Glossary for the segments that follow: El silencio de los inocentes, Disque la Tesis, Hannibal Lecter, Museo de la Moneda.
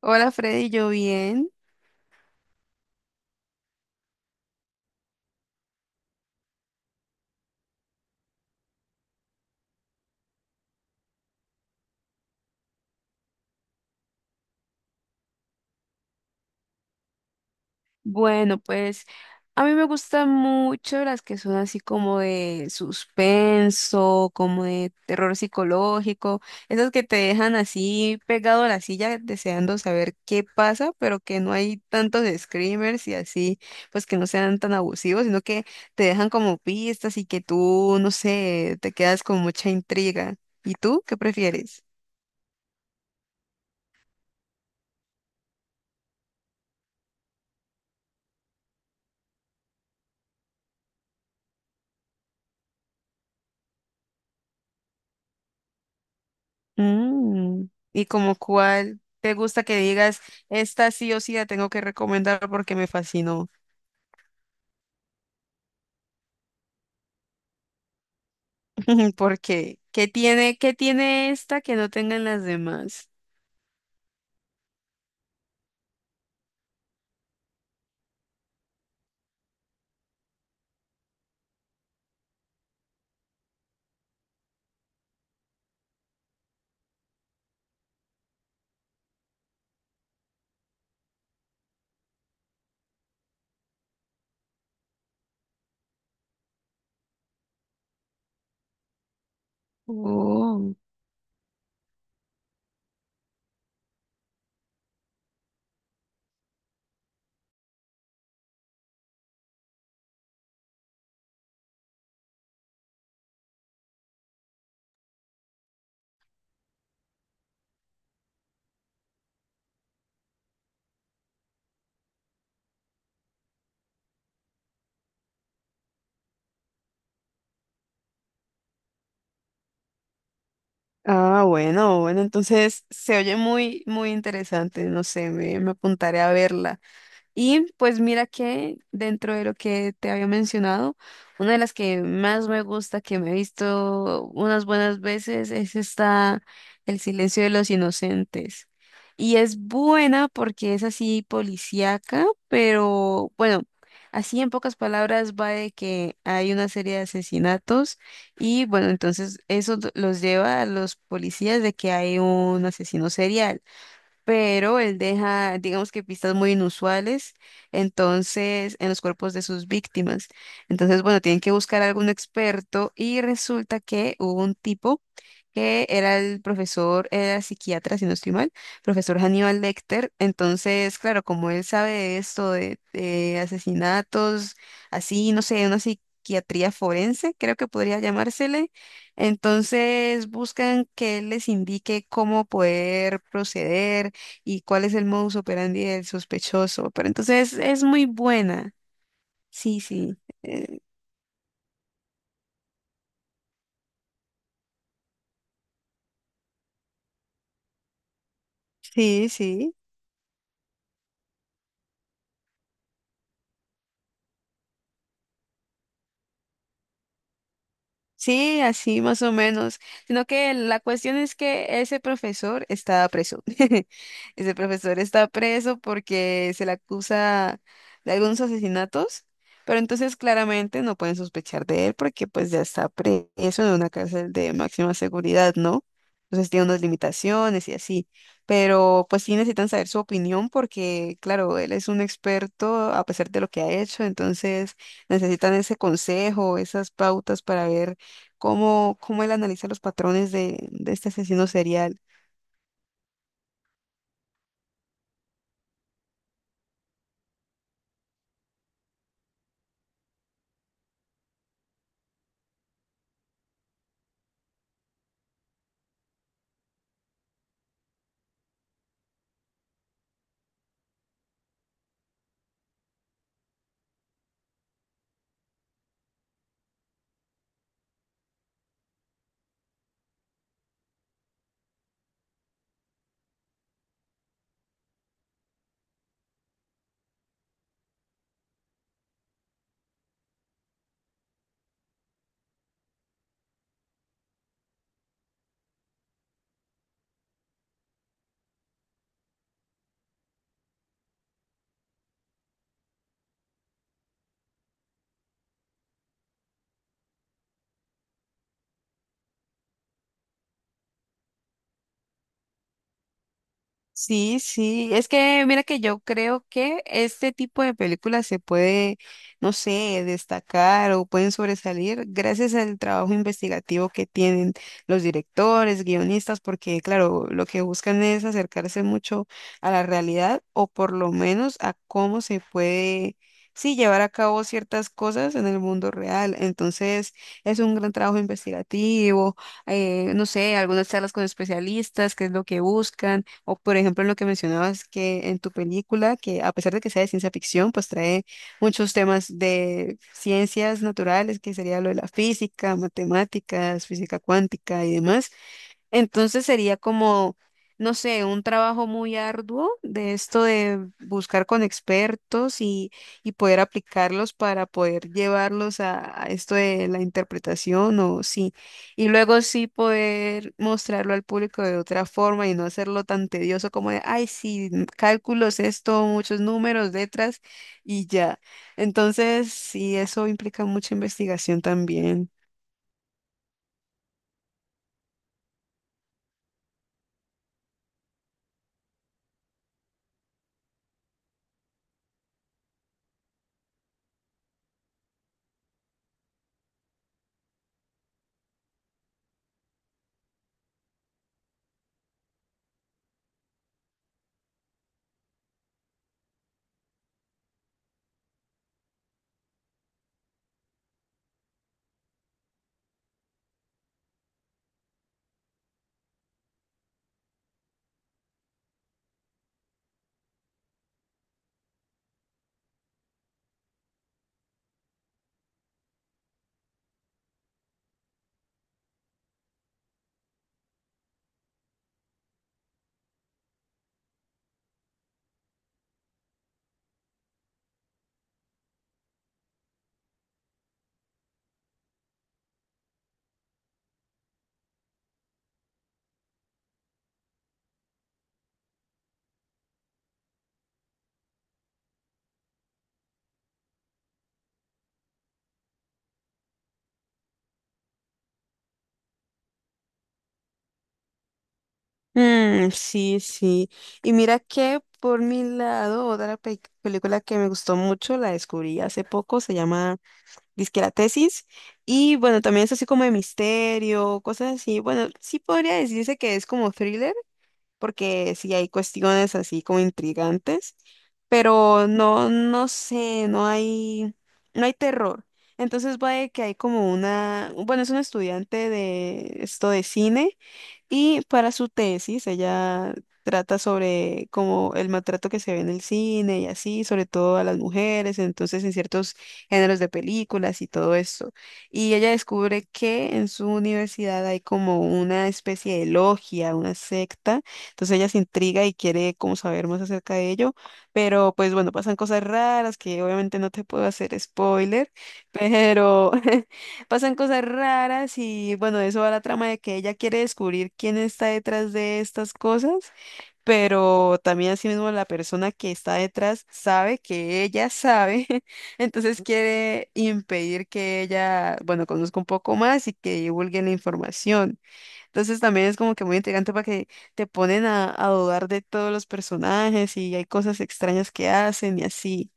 Hola Freddy, ¿yo bien? Bueno, pues a mí me gustan mucho las que son así como de suspenso, como de terror psicológico, esas que te dejan así pegado a la silla deseando saber qué pasa, pero que no hay tantos screamers y así, pues que no sean tan abusivos, sino que te dejan como pistas y que tú, no sé, te quedas con mucha intriga. ¿Y tú qué prefieres? Mm. Y como cuál te gusta que digas, esta sí o sí la tengo que recomendar porque me fascinó. Porque, ¿qué tiene esta que no tengan las demás? Oh. Ah, bueno, bueno, entonces se oye muy, muy interesante. No sé, me apuntaré a verla. Y pues mira que dentro de lo que te había mencionado, una de las que más me gusta, que me he visto unas buenas veces, es esta El silencio de los inocentes. Y es buena porque es así policíaca, pero bueno, así en pocas palabras va de que hay una serie de asesinatos y bueno, entonces eso los lleva a los policías de que hay un asesino serial, pero él deja, digamos que pistas muy inusuales, entonces, en los cuerpos de sus víctimas. Entonces, bueno, tienen que buscar a algún experto y resulta que hubo un tipo que era el profesor, era psiquiatra, si no estoy mal, profesor Hannibal Lecter. Entonces, claro, como él sabe de esto, de asesinatos, así, no sé, una psiquiatría forense, creo que podría llamársele. Entonces buscan que él les indique cómo poder proceder, y cuál es el modus operandi del sospechoso. Pero entonces es muy buena. Sí, sí. eh, sí sí. Sí, así más o menos. Sino que la cuestión es que ese profesor está preso. Ese profesor está preso porque se le acusa de algunos asesinatos, pero entonces claramente no pueden sospechar de él porque pues ya está preso en una cárcel de máxima seguridad, ¿no? Entonces tiene unas limitaciones y así. Pero pues sí necesitan saber su opinión porque, claro, él es un experto a pesar de lo que ha hecho, entonces necesitan ese consejo, esas pautas para ver cómo, cómo él analiza los patrones de este asesino serial. Sí, sí, es que mira que yo creo que este tipo de películas se puede, no sé, destacar o pueden sobresalir gracias al trabajo investigativo que tienen los directores, guionistas, porque claro, lo que buscan es acercarse mucho a la realidad o por lo menos a cómo se puede, sí, llevar a cabo ciertas cosas en el mundo real. Entonces, es un gran trabajo investigativo, no sé, algunas charlas con especialistas, qué es lo que buscan o por ejemplo, en lo que mencionabas que en tu película, que a pesar de que sea de ciencia ficción, pues trae muchos temas de ciencias naturales, que sería lo de la física, matemáticas, física cuántica y demás. Entonces sería como, no sé, un trabajo muy arduo de esto de buscar con expertos y poder aplicarlos para poder llevarlos a esto de la interpretación o sí. Y luego sí poder mostrarlo al público de otra forma y no hacerlo tan tedioso como de, ay, sí, cálculos, esto, muchos números, letras y ya. Entonces, sí, eso implica mucha investigación también. Mm, sí, sí. Y mira que por mi lado, otra película que me gustó mucho, la descubrí hace poco, se llama Disque la Tesis. Y bueno, también es así como de misterio, cosas así. Bueno, sí podría decirse que es como thriller, porque sí hay cuestiones así como intrigantes, pero no, no sé, no hay terror. Entonces va de que hay como una, bueno, es un estudiante de esto de cine y para su tesis, ella trata sobre como el maltrato que se ve en el cine y así, sobre todo a las mujeres, entonces en ciertos géneros de películas y todo eso. Y ella descubre que en su universidad hay como una especie de logia, una secta. Entonces ella se intriga y quiere como saber más acerca de ello. Pero pues bueno, pasan cosas raras que obviamente no te puedo hacer spoiler, pero pasan cosas raras y bueno, de eso va la trama de que ella quiere descubrir quién está detrás de estas cosas, pero también asimismo la persona que está detrás sabe que ella sabe, entonces quiere impedir que ella, bueno, conozca un poco más y que divulgue la información. Entonces también es como que muy intrigante para que te ponen a dudar de todos los personajes y hay cosas extrañas que hacen y así.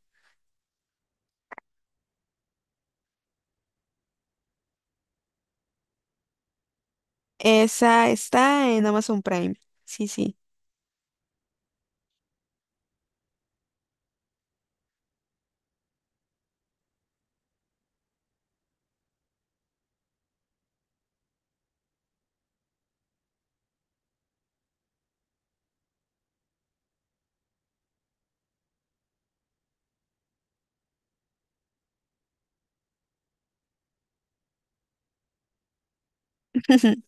Esa está en Amazon Prime. Sí, sí.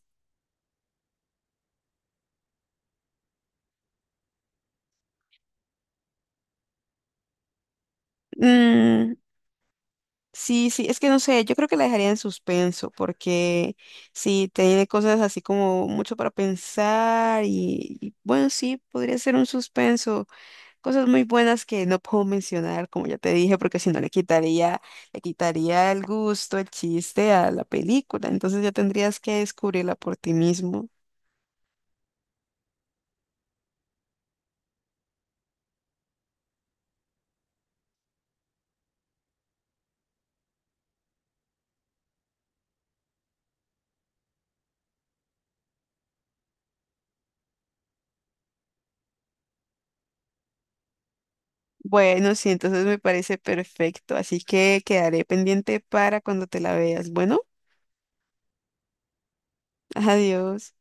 Mm. Sí, sí, es que no sé, yo creo que la dejaría en suspenso porque sí, tiene cosas así como mucho para pensar y bueno, sí, podría ser un suspenso, cosas muy buenas que no puedo mencionar, como ya te dije, porque si no le quitaría, le quitaría el gusto, el chiste a la película, entonces ya tendrías que descubrirla por ti mismo. Bueno, sí, entonces me parece perfecto, así que quedaré pendiente para cuando te la veas. Bueno, adiós.